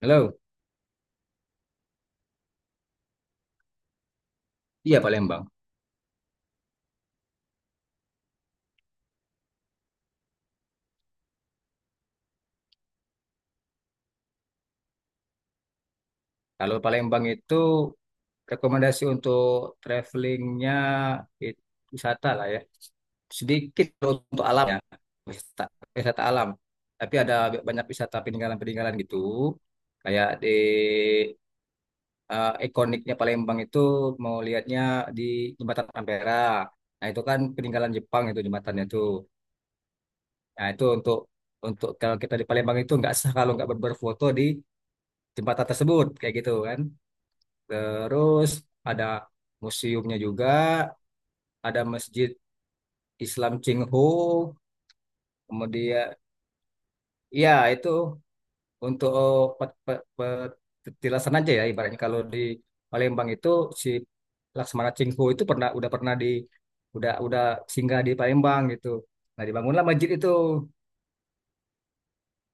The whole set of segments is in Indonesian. Halo, iya, Palembang. Kalau Palembang itu rekomendasi untuk travelingnya itu wisata lah ya. Sedikit untuk alamnya, wisata, wisata alam. Tapi ada banyak wisata peninggalan-peninggalan gitu. Kayak ikoniknya Palembang itu mau lihatnya di Jembatan Ampera. Nah, itu kan peninggalan Jepang, itu jembatannya tuh. Nah itu untuk kalau kita di Palembang itu nggak sah kalau nggak berfoto di jembatan tersebut kayak gitu kan. Terus ada museumnya juga, ada Masjid Islam Cingho, kemudian ya itu untuk petilasan aja ya ibaratnya kalau di Palembang itu si Laksamana Cingho itu pernah udah pernah di udah singgah di Palembang gitu. Nah, dibangunlah masjid itu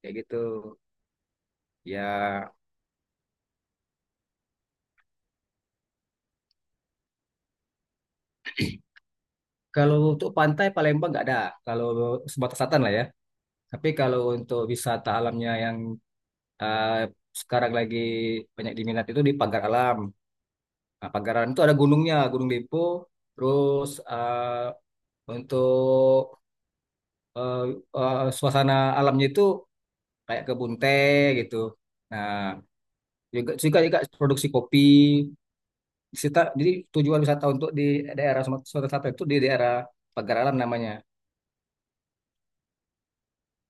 kayak gitu. Ya kalau untuk pantai Palembang nggak ada, kalau sebatas selatan lah ya. Tapi kalau untuk wisata alamnya yang eh, sekarang lagi banyak diminat itu di Pagar Alam. Nah, Pagar Alam itu ada gunungnya, Gunung Lipo. Terus untuk eh, suasana alamnya itu kayak kebun teh gitu. Nah, juga juga, juga produksi kopi. Kita, jadi tujuan wisata untuk di daerah Sumatera Sumatera Selatan itu di daerah Pagar Alam namanya.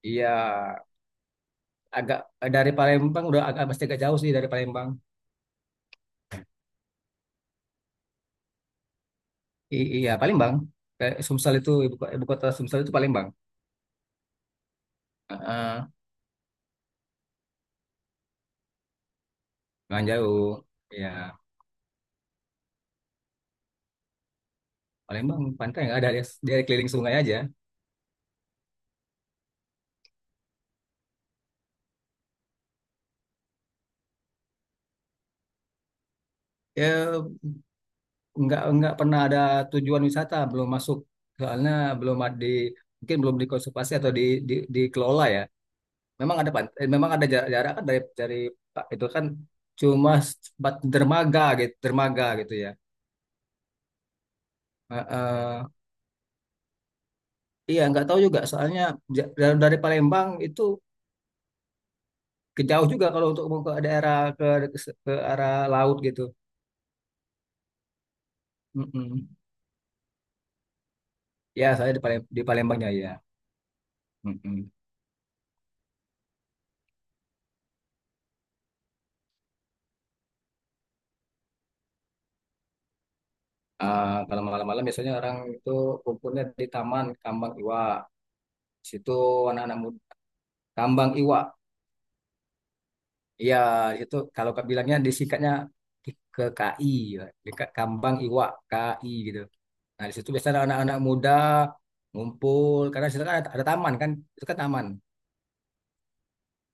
Iya, agak dari Palembang udah agak pasti agak jauh sih dari Palembang. Iya, Palembang. Kayak Sumsel itu ibu kota Sumsel itu Palembang. Heeh, nggak jauh. Ya, Palembang pantai nggak ada, dia keliling sungai aja. Ya, nggak pernah ada tujuan wisata, belum masuk. Soalnya belum ada di mungkin belum dikonservasi atau dikelola ya. Memang ada pantai, memang ada jarak, jarak kan dari Pak, itu kan cuma sempat dermaga gitu ya. Heeh. Iya, nggak tahu juga. Soalnya dari Palembang itu ke jauh juga kalau untuk mau ke daerah ke arah laut gitu. Mm-mm. Ya, saya di Palembangnya ya. Mm-mm. Ah, kalau malam-malam biasanya orang itu kumpulnya di Taman Kambang Iwa. Di situ anak-anak muda. Kambang Iwa. Iya, itu kalau kak bilangnya disikatnya ke KI ya, dekat Kambang Iwa, KI gitu. Nah, di situ biasanya anak-anak muda ngumpul karena di situ kan ada taman kan, itu kan taman.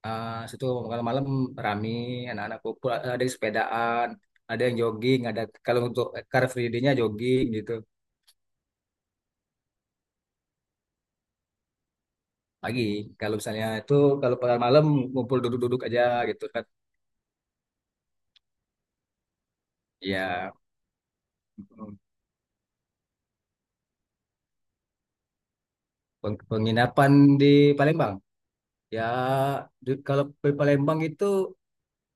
Ah, di situ malam-malam rame, anak-anak kumpul, ada yang sepedaan, ada yang jogging, ada kalau untuk car free day-nya jogging gitu. Pagi. Kalau misalnya itu kalau pada malam ngumpul duduk-duduk aja gitu kan. Ya penginapan di Palembang. Ya kalau di Palembang itu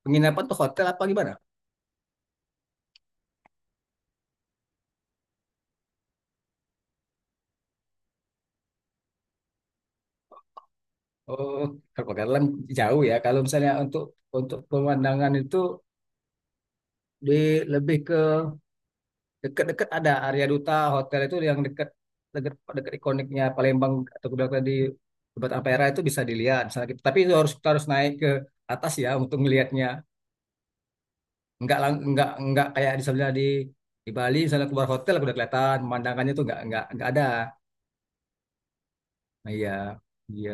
penginapan tuh hotel apa gimana? Oh, kalau Pagalan jauh ya. Kalau misalnya untuk pemandangan itu di lebih ke dekat-dekat ada Arya Duta Hotel itu yang dekat dekat dekat ikoniknya Palembang atau kuda tadi Jembatan Ampera itu bisa dilihat. Misalnya, gitu. Tapi itu harus kita harus naik ke atas ya untuk melihatnya. Nggak lang- nggak kayak di sebelah di Bali misalnya keluar hotel udah kelihatan pemandangannya tuh nggak ada. Nah, iya, iya.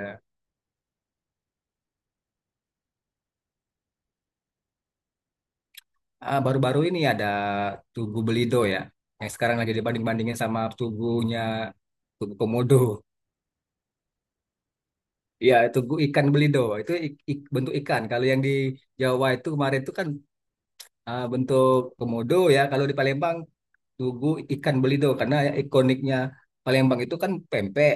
Ah, baru-baru ini ada Tugu Belido ya yang sekarang lagi dibanding-bandingin sama tugunya Tugu Komodo. Iya, tugu ikan belido itu bentuk ikan. Kalau yang di Jawa itu kemarin itu kan ah, bentuk komodo ya. Kalau di Palembang tugu ikan belido karena ya ikoniknya Palembang itu kan pempek.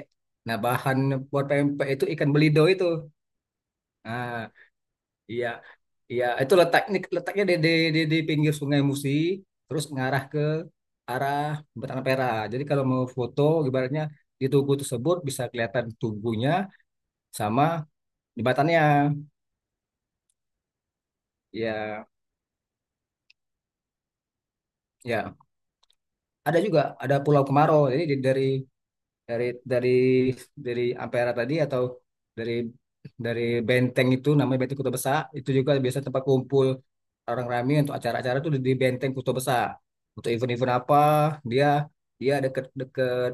Nah, bahan buat pempek itu ikan belido itu. Ah, iya, iya. Itu letaknya letaknya di pinggir Sungai Musi, terus ngarah ke arah Batang Pera. Jadi kalau mau foto, ibaratnya di tugu tersebut bisa kelihatan tubuhnya sama jembatannya. Ya, ya. Ada juga ada Pulau Kemarau. Jadi dari dari dari Ampera tadi atau dari dari benteng itu namanya benteng Kuto Besa, itu juga biasa tempat kumpul orang ramai untuk acara-acara itu di benteng Kuto Besa untuk event-event apa, dia dia deket deket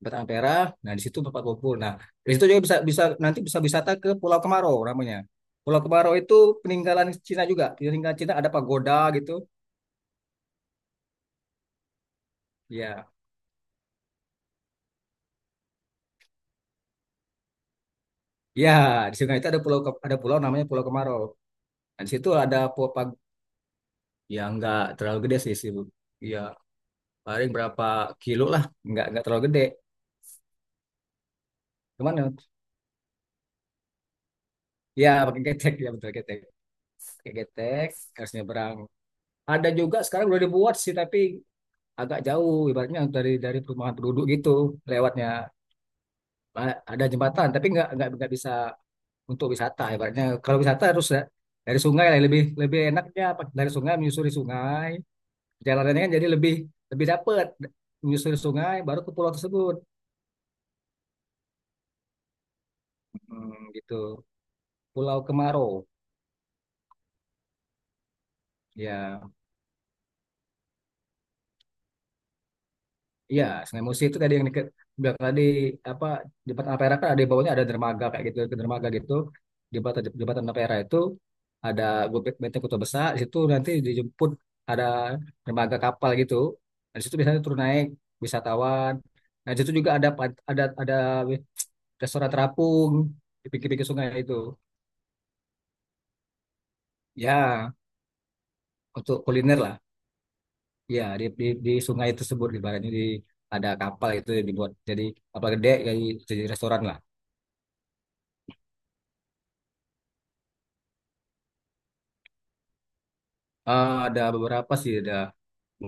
tempat Ampera, nah di situ tempat kumpul, nah di situ juga bisa, nanti bisa wisata ke Pulau Kemarau namanya. Pulau Kemarau itu peninggalan Cina, juga peninggalan Cina, ada pagoda gitu. Ya, ya, di sungai itu ada pulau namanya Pulau Kemarau. Nah, di situ ada pagoda. Ya nggak terlalu gede sih sih Bu. Ya paling berapa kilo lah, nggak terlalu gede. Cuman ya, ya, pakai getek ya betul getek pakai getek harusnya berang. Ada juga sekarang udah dibuat sih tapi agak jauh ibaratnya dari perumahan penduduk gitu lewatnya. Ada jembatan tapi nggak bisa untuk wisata ibaratnya. Kalau wisata harus dari sungai lah, lebih lebih enaknya dari sungai menyusuri sungai, jalanannya kan jadi lebih lebih dapet, menyusuri sungai baru ke pulau tersebut. Hmm, gitu. Pulau Kemaro. Ya, ya. Sungai Musi itu tadi yang deket, bilang tadi apa, di jembatan Ampera kan ada di bawahnya ada dermaga kayak gitu, ke dermaga gitu. Di Jembatan jembatan Ampera itu ada Gobek Benteng Kota Besar, di situ nanti dijemput ada dermaga kapal gitu. Nah, di situ biasanya turun naik wisatawan. Nah, di situ juga ada ada restoran terapung di pinggir-pinggir sungai itu. Ya, untuk kuliner lah. Ya, di sungai tersebut ibaratnya di ada kapal itu yang dibuat jadi kapal gede, jadi restoran lah. Ah, ada beberapa sih, ada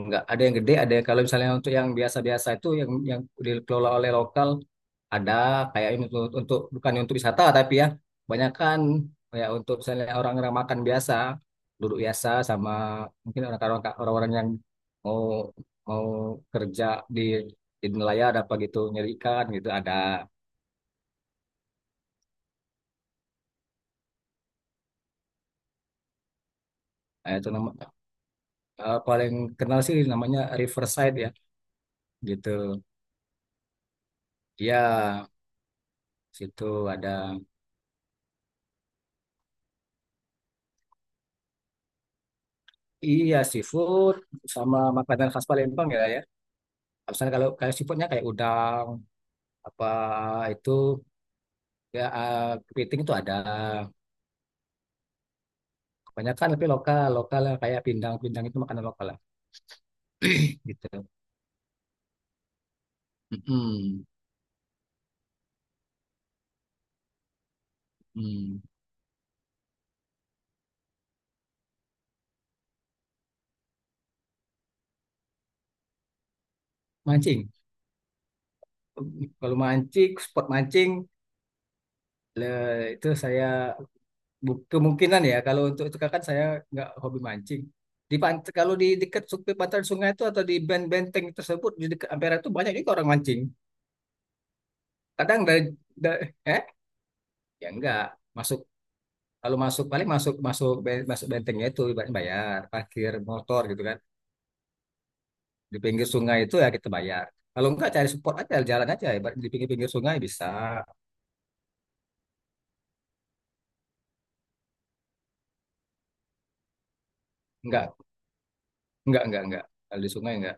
nggak ada yang gede, ada yang kalau misalnya untuk yang biasa-biasa itu yang dikelola oleh lokal, ada kayak ini untuk, bukan untuk wisata tapi ya kebanyakan kayak untuk misalnya orang-orang makan biasa, duduk biasa, sama mungkin orang-orang yang mau mau kerja di nelayan ada apa gitu, nyari ikan gitu ada. Eh, itu nama, paling kenal sih namanya Riverside ya gitu. Ya situ ada. Iya, seafood sama makanan khas Palembang ya, ya. Misalnya kalau kayak seafoodnya kayak udang apa itu ya, kepiting itu ada. Kebanyakan lebih lokal lokal lah, kayak pindang-pindang itu makanan lokal lah gitu. Mm-mm. Mm. Mancing. Kalau mancing, spot mancing itu saya, kemungkinan ya kalau untuk itu kan saya nggak hobi mancing. Di pant kalau di dekat tepi pantai sungai itu atau di benteng-benteng tersebut di dekat Ampera itu banyak juga orang mancing. Kadang dari, da- eh ya enggak masuk. Kalau masuk paling masuk masuk ben- masuk bentengnya itu ibaratnya bayar parkir motor gitu kan, di pinggir sungai itu ya kita bayar. Kalau enggak, cari spot aja, jalan aja ibarat di pinggir-pinggir sungai bisa. Enggak enggak, kalau di sungai enggak.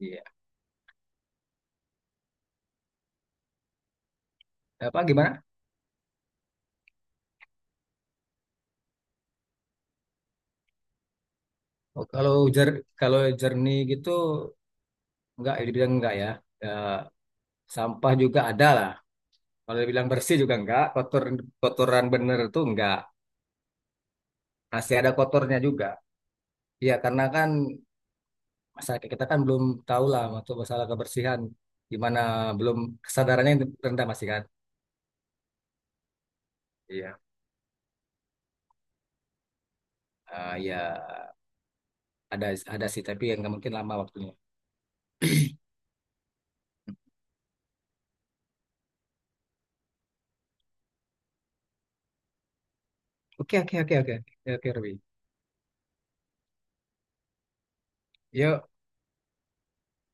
Iya. Apa gimana? Oh, kalau jernih gitu. Enggak, dibilang enggak ya. Eh, sampah juga ada lah. Kalau dibilang bersih juga enggak, kotoran bener itu enggak. Masih ada kotornya juga. Iya, karena kan masyarakat kita kan belum tahu lah untuk masalah kebersihan. Gimana, belum kesadarannya, rendah masih kan. Iya. Ah, ya, ada ada sih tapi yang nggak mungkin lama waktunya. Oke, oke, oke, oke, oke, oke, Ruby. Yuk.